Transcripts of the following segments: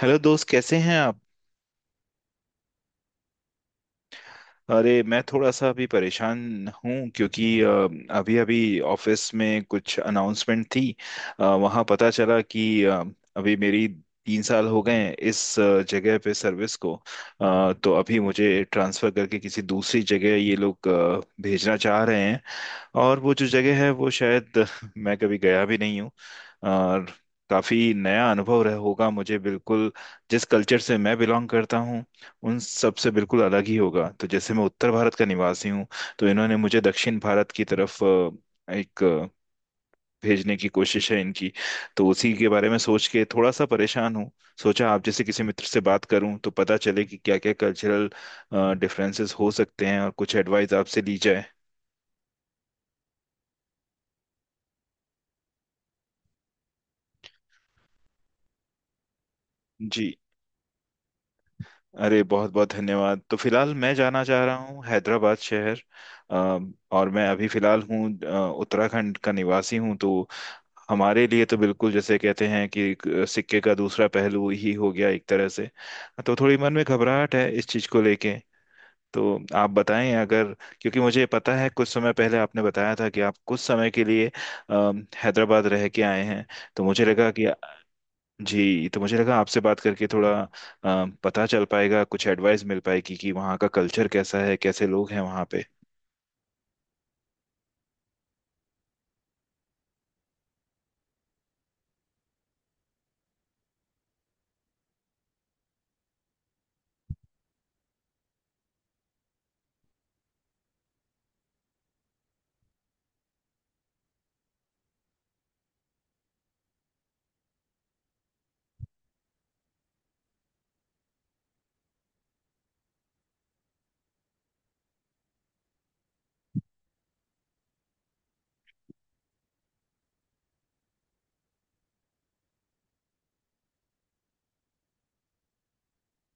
Hello दोस्त कैसे हैं आप। अरे मैं थोड़ा सा अभी परेशान हूँ क्योंकि अभी अभी ऑफिस में कुछ अनाउंसमेंट थी। वहाँ पता चला कि अभी मेरी 3 साल हो गए हैं इस जगह पे सर्विस को। तो अभी मुझे ट्रांसफ़र करके किसी दूसरी जगह ये लोग भेजना चाह रहे हैं। और वो जो जगह है वो शायद मैं कभी गया भी नहीं हूँ, और काफी नया अनुभव रह होगा मुझे। बिल्कुल जिस कल्चर से मैं बिलोंग करता हूँ उन सब से बिल्कुल अलग ही होगा। तो जैसे मैं उत्तर भारत का निवासी हूँ, तो इन्होंने मुझे दक्षिण भारत की तरफ एक भेजने की कोशिश है इनकी। तो उसी के बारे में सोच के थोड़ा सा परेशान हूँ। सोचा आप जैसे किसी मित्र से बात करूं तो पता चले कि क्या क्या कल्चरल डिफरेंसेस हो सकते हैं, और कुछ एडवाइस आपसे ली जाए। जी। अरे बहुत बहुत धन्यवाद। तो फिलहाल मैं जाना चाह रहा हूँ हैदराबाद शहर। अ, और मैं अभी फिलहाल हूँ, उत्तराखंड का निवासी हूँ। तो हमारे लिए तो बिल्कुल जैसे कहते हैं कि एक सिक्के का दूसरा पहलू ही हो गया एक तरह से। तो थोड़ी मन में घबराहट है इस चीज़ को लेके। तो आप बताएं अगर, क्योंकि मुझे पता है कुछ समय पहले आपने बताया था कि आप कुछ समय के लिए अ, हैदराबाद रह के आए हैं, तो मुझे लगा कि। जी। तो मुझे लगा आपसे बात करके थोड़ा पता चल पाएगा, कुछ एडवाइस मिल पाएगी कि वहाँ का कल्चर कैसा है, कैसे लोग हैं वहाँ पे।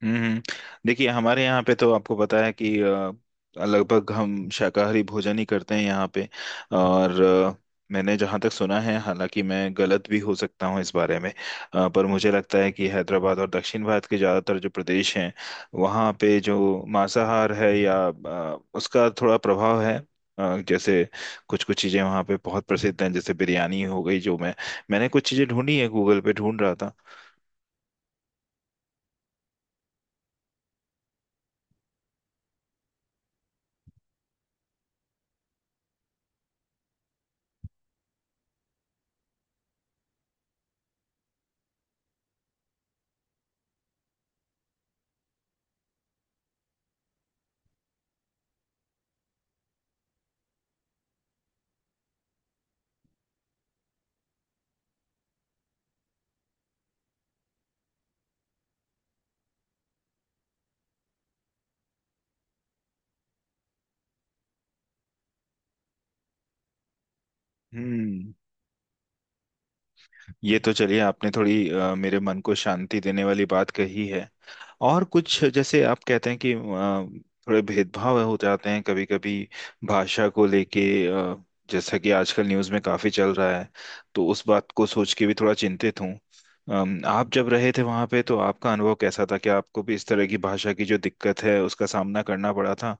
हम्म। देखिए हमारे यहाँ पे तो आपको पता है कि लगभग हम शाकाहारी भोजन ही करते हैं यहाँ पे। और मैंने जहाँ तक सुना है, हालांकि मैं गलत भी हो सकता हूँ इस बारे में, पर मुझे लगता है कि हैदराबाद और दक्षिण भारत के ज़्यादातर जो प्रदेश हैं वहाँ पे जो मांसाहार है या उसका थोड़ा प्रभाव है। जैसे कुछ कुछ चीज़ें वहाँ पे बहुत प्रसिद्ध हैं, जैसे बिरयानी हो गई। जो मैंने कुछ चीज़ें ढूंढी है, गूगल पे ढूंढ रहा था। हम्म। ये तो चलिए आपने थोड़ी मेरे मन को शांति देने वाली बात कही है। और कुछ जैसे आप कहते हैं कि थोड़े भेदभाव हो जाते हैं कभी कभी भाषा को लेके, जैसा कि आजकल न्यूज़ में काफी चल रहा है, तो उस बात को सोच के भी थोड़ा चिंतित हूँ। आप जब रहे थे वहां पे तो आपका अनुभव कैसा था कि आपको भी इस तरह की भाषा की जो दिक्कत है उसका सामना करना पड़ा था?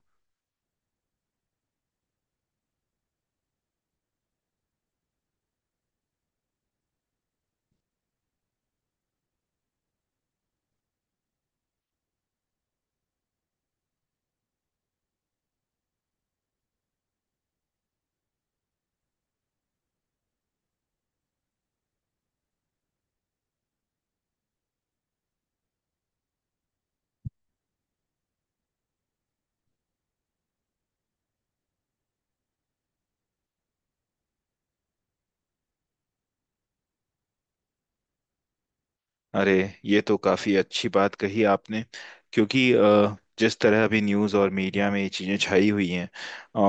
अरे ये तो काफी अच्छी बात कही आपने। क्योंकि जिस तरह अभी न्यूज़ और मीडिया में ये चीजें छाई हुई हैं,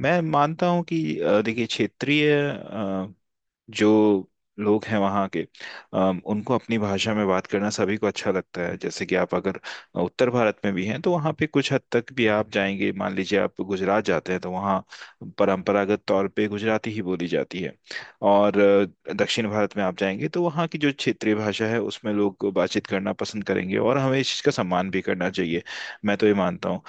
मैं मानता हूँ कि देखिए क्षेत्रीय जो लोग हैं वहाँ के, उनको अपनी भाषा में बात करना सभी को अच्छा लगता है। जैसे कि आप अगर उत्तर भारत में भी हैं तो वहाँ पे कुछ हद तक भी आप जाएंगे, मान लीजिए आप गुजरात जाते हैं, तो वहाँ परंपरागत तौर पे गुजराती ही बोली जाती है। और दक्षिण भारत में आप जाएंगे तो वहाँ की जो क्षेत्रीय भाषा है उसमें लोग बातचीत करना पसंद करेंगे, और हमें इस चीज़ का सम्मान भी करना चाहिए। मैं तो ये मानता हूँ।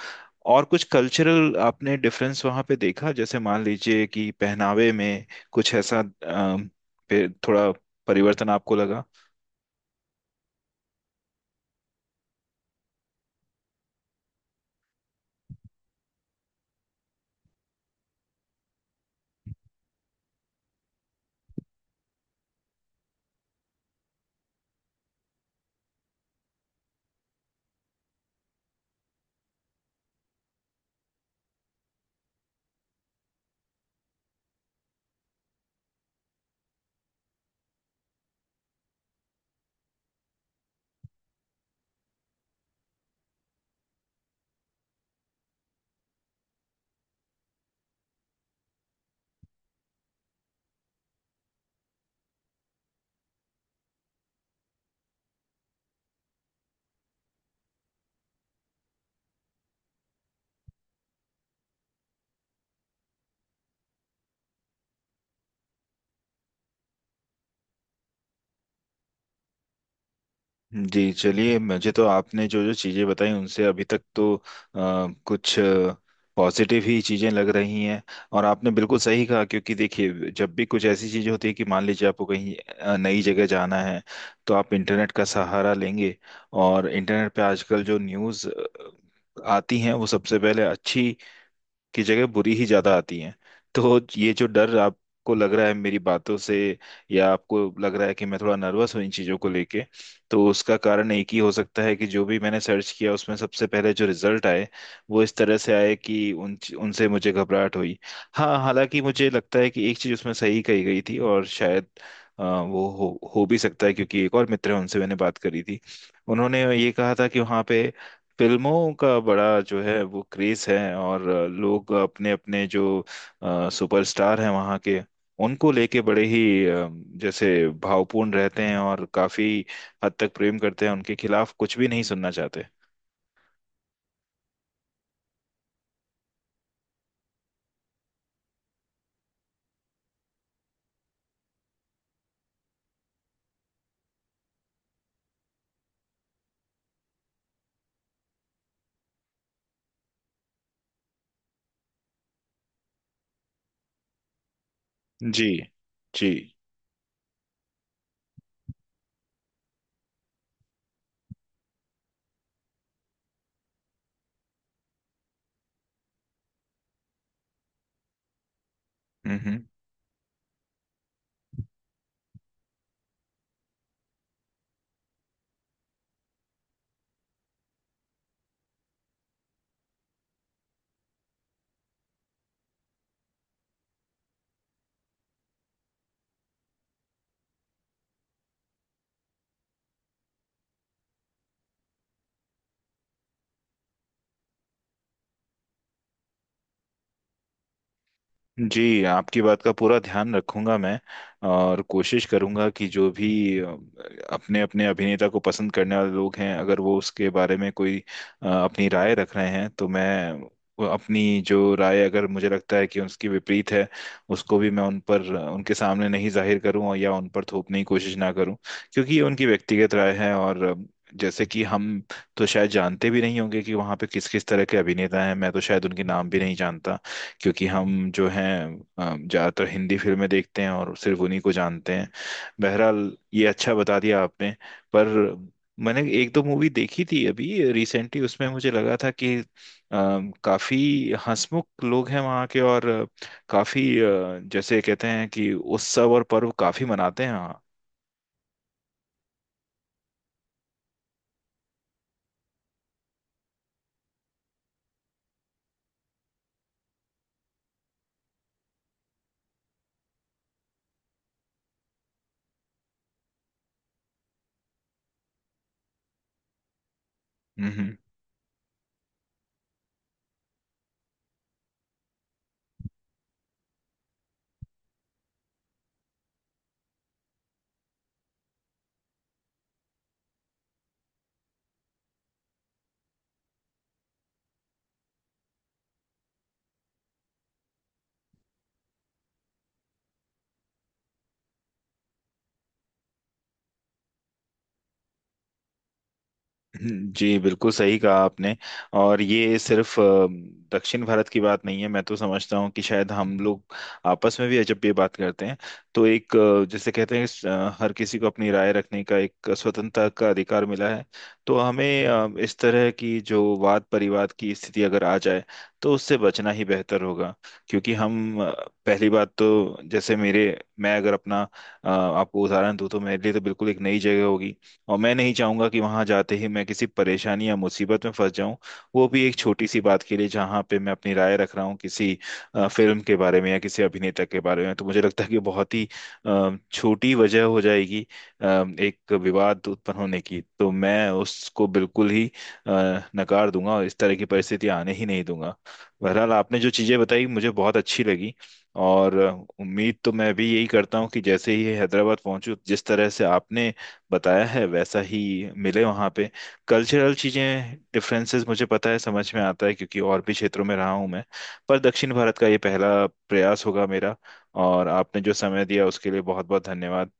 और कुछ कल्चरल आपने डिफरेंस वहाँ पे देखा? जैसे मान लीजिए कि पहनावे में कुछ ऐसा थोड़ा परिवर्तन आपको लगा? जी चलिए, मुझे तो आपने जो जो चीज़ें बताई उनसे अभी तक तो कुछ पॉजिटिव ही चीज़ें लग रही हैं। और आपने बिल्कुल सही कहा, क्योंकि देखिए जब भी कुछ ऐसी चीज़ें होती है कि मान लीजिए आपको कहीं नई जगह जाना है, तो आप इंटरनेट का सहारा लेंगे। और इंटरनेट पे आजकल जो न्यूज़ आती हैं वो सबसे पहले अच्छी की जगह बुरी ही ज्यादा आती हैं। तो ये जो डर आपको लग रहा है मेरी बातों से, या आपको लग रहा है कि मैं थोड़ा नर्वस हूँ इन चीजों को लेके, तो उसका कारण एक ही हो सकता है कि जो भी मैंने सर्च किया उसमें सबसे पहले जो रिजल्ट आए वो इस तरह से आए कि उन उनसे मुझे घबराहट हुई। हाँ, हालांकि मुझे लगता है कि एक चीज उसमें सही कही गई थी, और शायद वो हो भी सकता है, क्योंकि एक और मित्र है, उनसे मैंने बात करी थी। उन्होंने ये कहा था कि वहाँ पे फिल्मों का बड़ा जो है वो क्रेज है, और लोग अपने अपने जो सुपरस्टार हैं वहाँ के, उनको लेके बड़े ही अ, जैसे भावपूर्ण रहते हैं, और काफी हद तक प्रेम करते हैं, उनके खिलाफ कुछ भी नहीं सुनना चाहते। जी। जी। हम्म। जी आपकी बात का पूरा ध्यान रखूंगा मैं, और कोशिश करूंगा कि जो भी अपने अपने अभिनेता को पसंद करने वाले लोग हैं, अगर वो उसके बारे में कोई अपनी राय रख रहे हैं, तो मैं वो अपनी जो राय, अगर मुझे लगता है कि उसकी विपरीत है, उसको भी मैं उन पर उनके सामने नहीं जाहिर करूं, और या उन पर थोपने की कोशिश ना करूं। क्योंकि ये उनकी व्यक्तिगत राय है। और जैसे कि हम तो शायद जानते भी नहीं होंगे कि वहां पे किस किस तरह के अभिनेता हैं, मैं तो शायद उनके नाम भी नहीं जानता, क्योंकि हम जो हैं ज्यादातर हिंदी फिल्में देखते हैं और सिर्फ उन्हीं को जानते हैं। बहरहाल, ये अच्छा बता दिया आपने। पर मैंने एक दो मूवी देखी थी अभी रिसेंटली, उसमें मुझे लगा था कि काफी हंसमुख लोग हैं वहाँ के, और काफी जैसे कहते हैं कि उत्सव और पर्व काफी मनाते हैं वहाँ। हम्म, हम्म। जी बिल्कुल सही कहा आपने। और ये सिर्फ दक्षिण भारत की बात नहीं है, मैं तो समझता हूँ कि शायद हम लोग आपस में भी जब ये बात करते हैं, तो एक जैसे कहते हैं हर किसी को अपनी राय रखने का एक स्वतंत्रता का अधिकार मिला है। तो हमें इस तरह की जो वाद परिवाद की स्थिति अगर आ जाए, तो उससे बचना ही बेहतर होगा। क्योंकि हम पहली बात तो जैसे मेरे, मैं अगर अपना आपको उदाहरण दूं, तो मेरे लिए तो बिल्कुल एक नई जगह होगी। और मैं नहीं चाहूंगा कि वहां जाते ही मैं किसी परेशानी या मुसीबत में फंस जाऊं, वो भी एक छोटी सी बात के लिए, जहां पे मैं अपनी राय रख रहा हूँ किसी फिल्म के बारे में या किसी अभिनेता के बारे में। तो मुझे लगता है कि बहुत ही छोटी वजह हो जाएगी अ, एक विवाद उत्पन्न होने की, तो मैं उसको बिल्कुल ही नकार दूंगा, और इस तरह की परिस्थिति आने ही नहीं दूंगा। बहरहाल, आपने जो चीजें बताई मुझे बहुत अच्छी लगी, और उम्मीद तो मैं भी यही करता हूँ कि जैसे ही हैदराबाद पहुंचूं, जिस तरह से आपने बताया है वैसा ही मिले वहाँ पे। कल्चरल चीज़ें, डिफरेंसेस, मुझे पता है, समझ में आता है, क्योंकि और भी क्षेत्रों में रहा हूँ मैं, पर दक्षिण भारत का ये पहला प्रयास होगा मेरा। और आपने जो समय दिया उसके लिए बहुत बहुत धन्यवाद।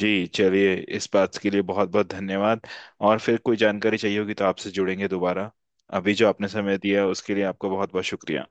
जी चलिए, इस बात के लिए बहुत बहुत धन्यवाद। और फिर कोई जानकारी चाहिए होगी तो आपसे जुड़ेंगे दोबारा। अभी जो आपने समय दिया उसके लिए आपका बहुत बहुत शुक्रिया।